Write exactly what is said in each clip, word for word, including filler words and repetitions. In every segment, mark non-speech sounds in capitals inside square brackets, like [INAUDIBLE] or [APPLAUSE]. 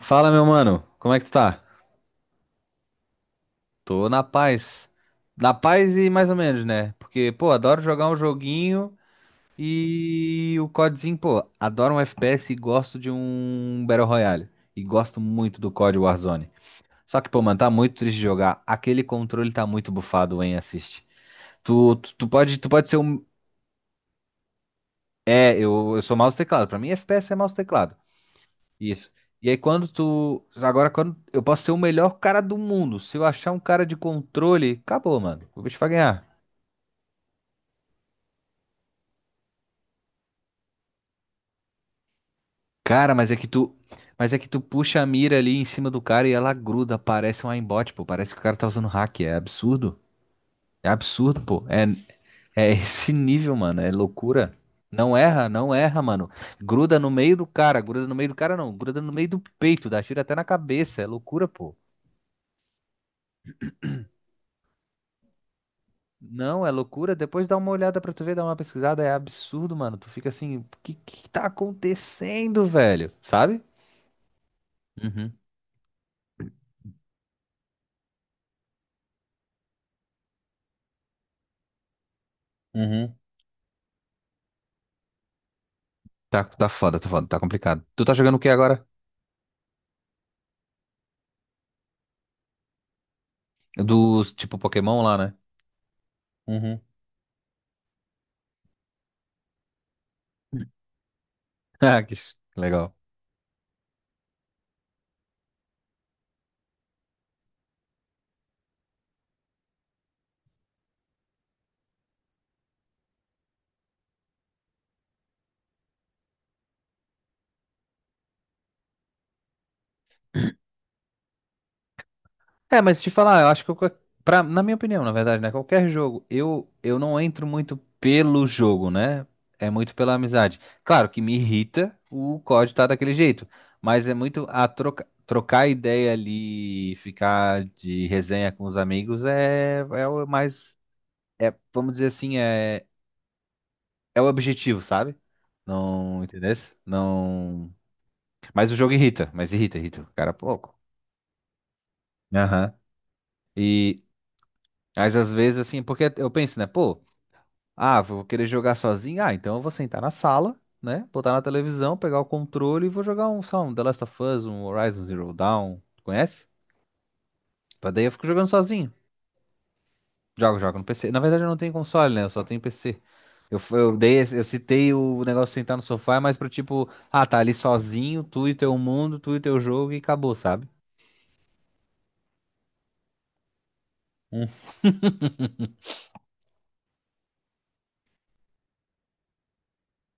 Fala, meu mano, como é que tu tá? Tô na paz. Na paz e mais ou menos, né? Porque, pô, adoro jogar um joguinho e o CODzinho, pô, adoro um F P S e gosto de um Battle Royale. E gosto muito do cod Warzone. Só que, pô, mano, tá muito triste de jogar. Aquele controle tá muito bufado, em assiste. Tu, tu, tu pode, tu pode ser um. É, eu, eu sou mouse e teclado. Pra mim, F P S é mouse e teclado. Isso. E aí quando tu. Agora, quando. Eu posso ser o melhor cara do mundo. Se eu achar um cara de controle, acabou, mano. O bicho vai ganhar. Cara, mas é que tu. Mas é que tu puxa a mira ali em cima do cara e ela gruda. Parece um aimbot, pô. Parece que o cara tá usando hack. É absurdo. É absurdo, pô. É, é esse nível, mano. É loucura. Não erra, não erra, mano. Gruda no meio do cara. Gruda no meio do cara, não. Gruda no meio do peito. Dá tiro até na cabeça. É loucura, pô. Não, é loucura. Depois dá uma olhada pra tu ver, dá uma pesquisada. É absurdo, mano. Tu fica assim, o que que tá acontecendo, velho? Sabe? Uhum, uhum. Tá, tá foda, tá foda, tá complicado. Tu tá jogando o que agora? Dos tipo Pokémon lá, né? Uhum. [LAUGHS] Ah, que legal. É, mas te falar, eu acho que eu, pra, na minha opinião, na verdade, né? Qualquer jogo, eu, eu não entro muito pelo jogo, né? É muito pela amizade. Claro que me irrita o código tá daquele jeito, mas é muito a troca, trocar ideia ali, ficar de resenha com os amigos é, é o mais, é, vamos dizer assim, é, é o objetivo, sabe? Não, entendesse? Não. Mas o jogo irrita, mas irrita, irrita o cara pouco. Aham. E, mas às vezes, assim, porque eu penso, né? Pô. Ah, vou querer jogar sozinho? Ah, então eu vou sentar na sala, né? Botar na televisão, pegar o controle e vou jogar um, sei lá, um The Last of Us, um Horizon Zero Dawn. Conhece? Pra daí eu fico jogando sozinho. Jogo, jogo no P C. Na verdade eu não tenho console, né? Eu só tenho P C. Eu, f- eu dei, esse- eu citei o negócio de sentar no sofá, mas pro tipo, ah, tá ali sozinho, tu e teu mundo, tu e teu jogo e acabou, sabe? Hum.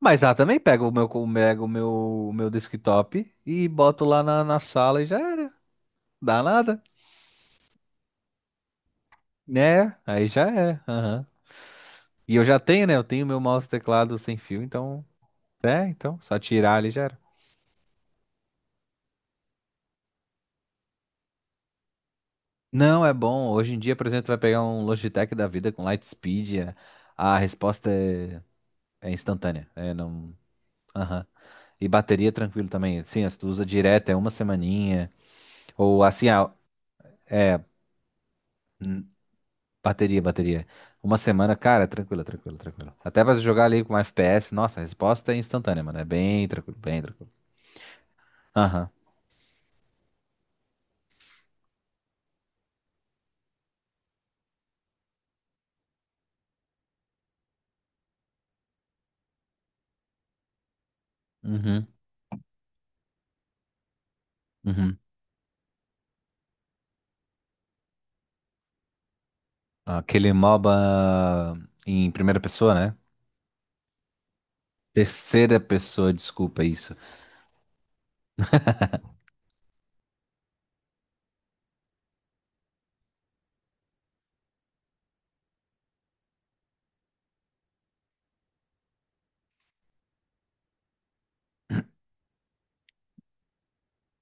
Mas ah, também pego o meu, co- pego o meu, o meu desktop e boto lá na, na sala e já era. Dá nada, né? Aí já era. Aham. E eu já tenho, né? Eu tenho meu mouse e teclado sem fio, então. É, então, só tirar ali já era. Não, é bom. Hoje em dia, por exemplo, tu vai pegar um Logitech da vida com Lightspeed, é- a resposta é, é instantânea. É, não. Aham. E bateria é tranquilo também. Sim, se tu usa direto, é uma semaninha. Ou assim, ah, é. hum, Bateria, bateria. Uma semana, cara, é tranquilo, é tranquilo, é tranquilo. Até pra jogar ali com F P S, nossa, a resposta é instantânea, mano. É bem tranquilo, bem tranquilo. Aham. Uhum. Uhum. Aquele MOBA em primeira pessoa, né? Terceira pessoa, desculpa isso.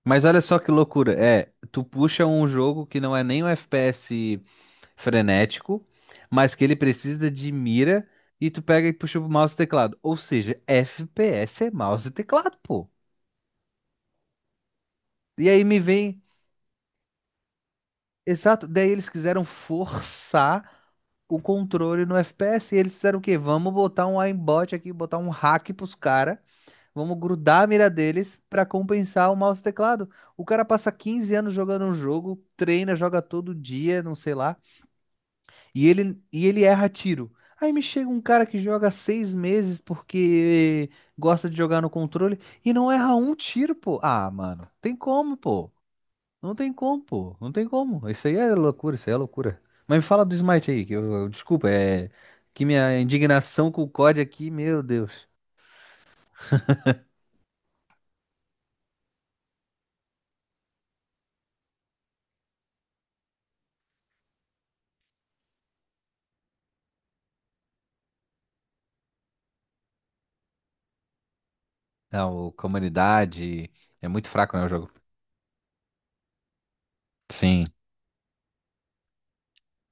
Mas olha só que loucura. É, tu puxa um jogo que não é nem um F P S frenético, mas que ele precisa de mira e tu pega e puxa o mouse e teclado. Ou seja, F P S é mouse e teclado, pô. E aí me vem. Exato. Daí eles quiseram forçar o controle no F P S. E eles fizeram o quê? Vamos botar um aimbot aqui, botar um hack pros caras. Vamos grudar a mira deles pra compensar o mouse e teclado. O cara passa quinze anos jogando um jogo, treina, joga todo dia, não sei lá, e ele, e ele erra tiro. Aí me chega um cara que joga seis meses porque gosta de jogar no controle e não erra um tiro, pô. Ah, mano, tem como, pô. Não tem como, pô. Não tem como. Isso aí é loucura, isso aí é loucura. Mas me fala do Smite aí, que eu, eu- desculpa, é que minha indignação com o cod aqui, meu Deus. Não, o comunidade é muito fraco, né, o jogo. Sim,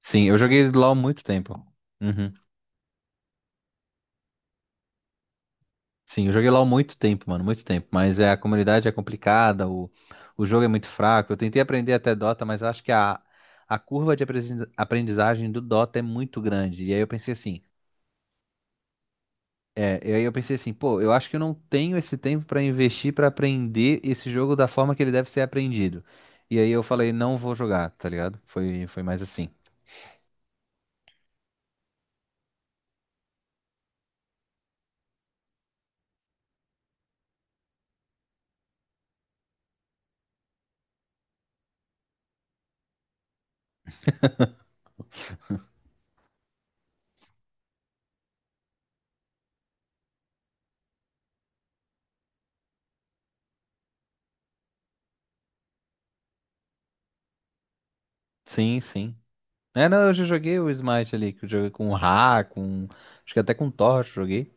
sim, eu joguei LoL há muito tempo. Uhum. Sim, eu joguei LoL há muito tempo, mano, muito tempo. Mas é, a comunidade é complicada, o, o jogo é muito fraco. Eu tentei aprender até Dota, mas eu acho que a, a curva de apresen- aprendizagem do Dota é muito grande. E aí eu pensei assim, é, e aí eu pensei assim, pô, eu acho que eu não tenho esse tempo pra investir pra aprender esse jogo da forma que ele deve ser aprendido. E aí eu falei, não vou jogar, tá ligado? Foi, foi mais assim. Sim, sim. É, não, eu já joguei o Smite ali, que eu joguei com o Ra, com. Acho que até com o Torch eu joguei.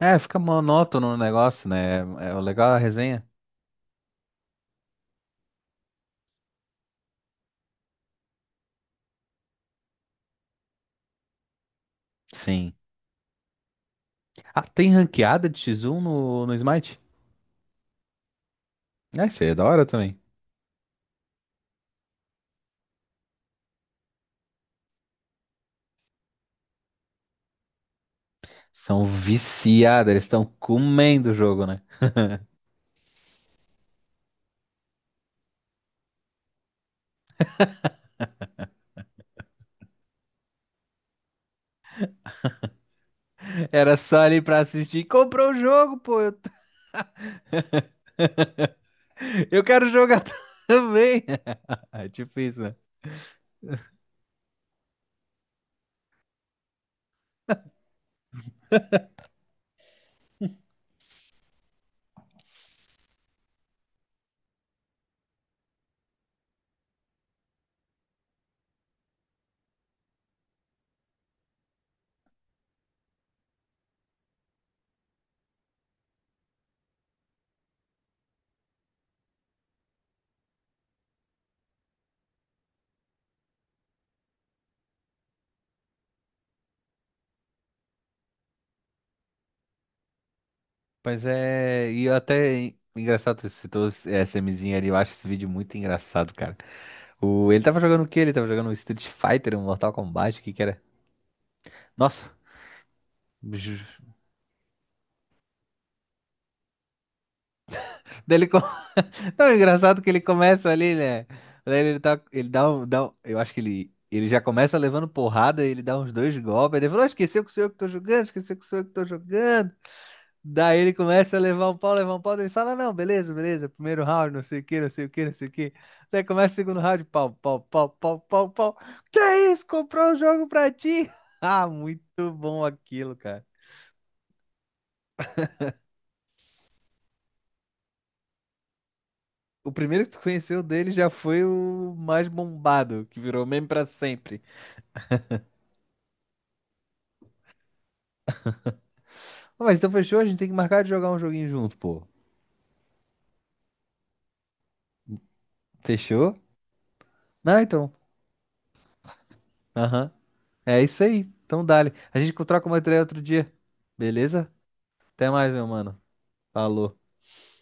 É, fica monótono o negócio, né? É o legal a resenha. Sim. Ah, tem ranqueada de xis um no, no Smite? É, isso aí é da hora também. São viciados, eles estão comendo o jogo, né? Era só ali pra assistir. Comprou o jogo, pô! Eu, [LAUGHS] eu quero jogar [LAUGHS] também! É tipo isso, né? Pois é, e até engraçado, que você citou essa MZinha ali, eu acho esse vídeo muito engraçado, cara. O, ele tava jogando o quê? Ele tava jogando um Street Fighter, um Mortal Kombat, o que que era? Nossa! Ju- [LAUGHS] Daí ele, co- [LAUGHS] não, é engraçado que ele começa ali, né? Daí ele, tá, ele dá um, dá um- Eu acho que ele, ele já começa levando porrada, ele dá uns dois golpes, aí ele falou, ah, esqueceu que sou eu que tô jogando, esqueceu que sou eu que tô jogando. Daí ele começa a levar um pau, levar um pau, daí ele fala, não, beleza, beleza, primeiro round, não sei o que, não sei o que, não sei o que. Daí começa o segundo round, pau, pau, pau, pau, pau, pau. Que é isso? Comprou o jogo pra ti? [LAUGHS] Ah, muito bom aquilo, cara. O primeiro que tu conheceu dele já foi o mais bombado, que virou meme pra sempre. "Ah, Mas então fechou, a gente tem que marcar de jogar um joguinho junto, pô. Fechou? Ah, então. Aham. É isso aí. Então dale. A gente troca uma ideia outro dia. Beleza? Até mais, meu mano. Falou.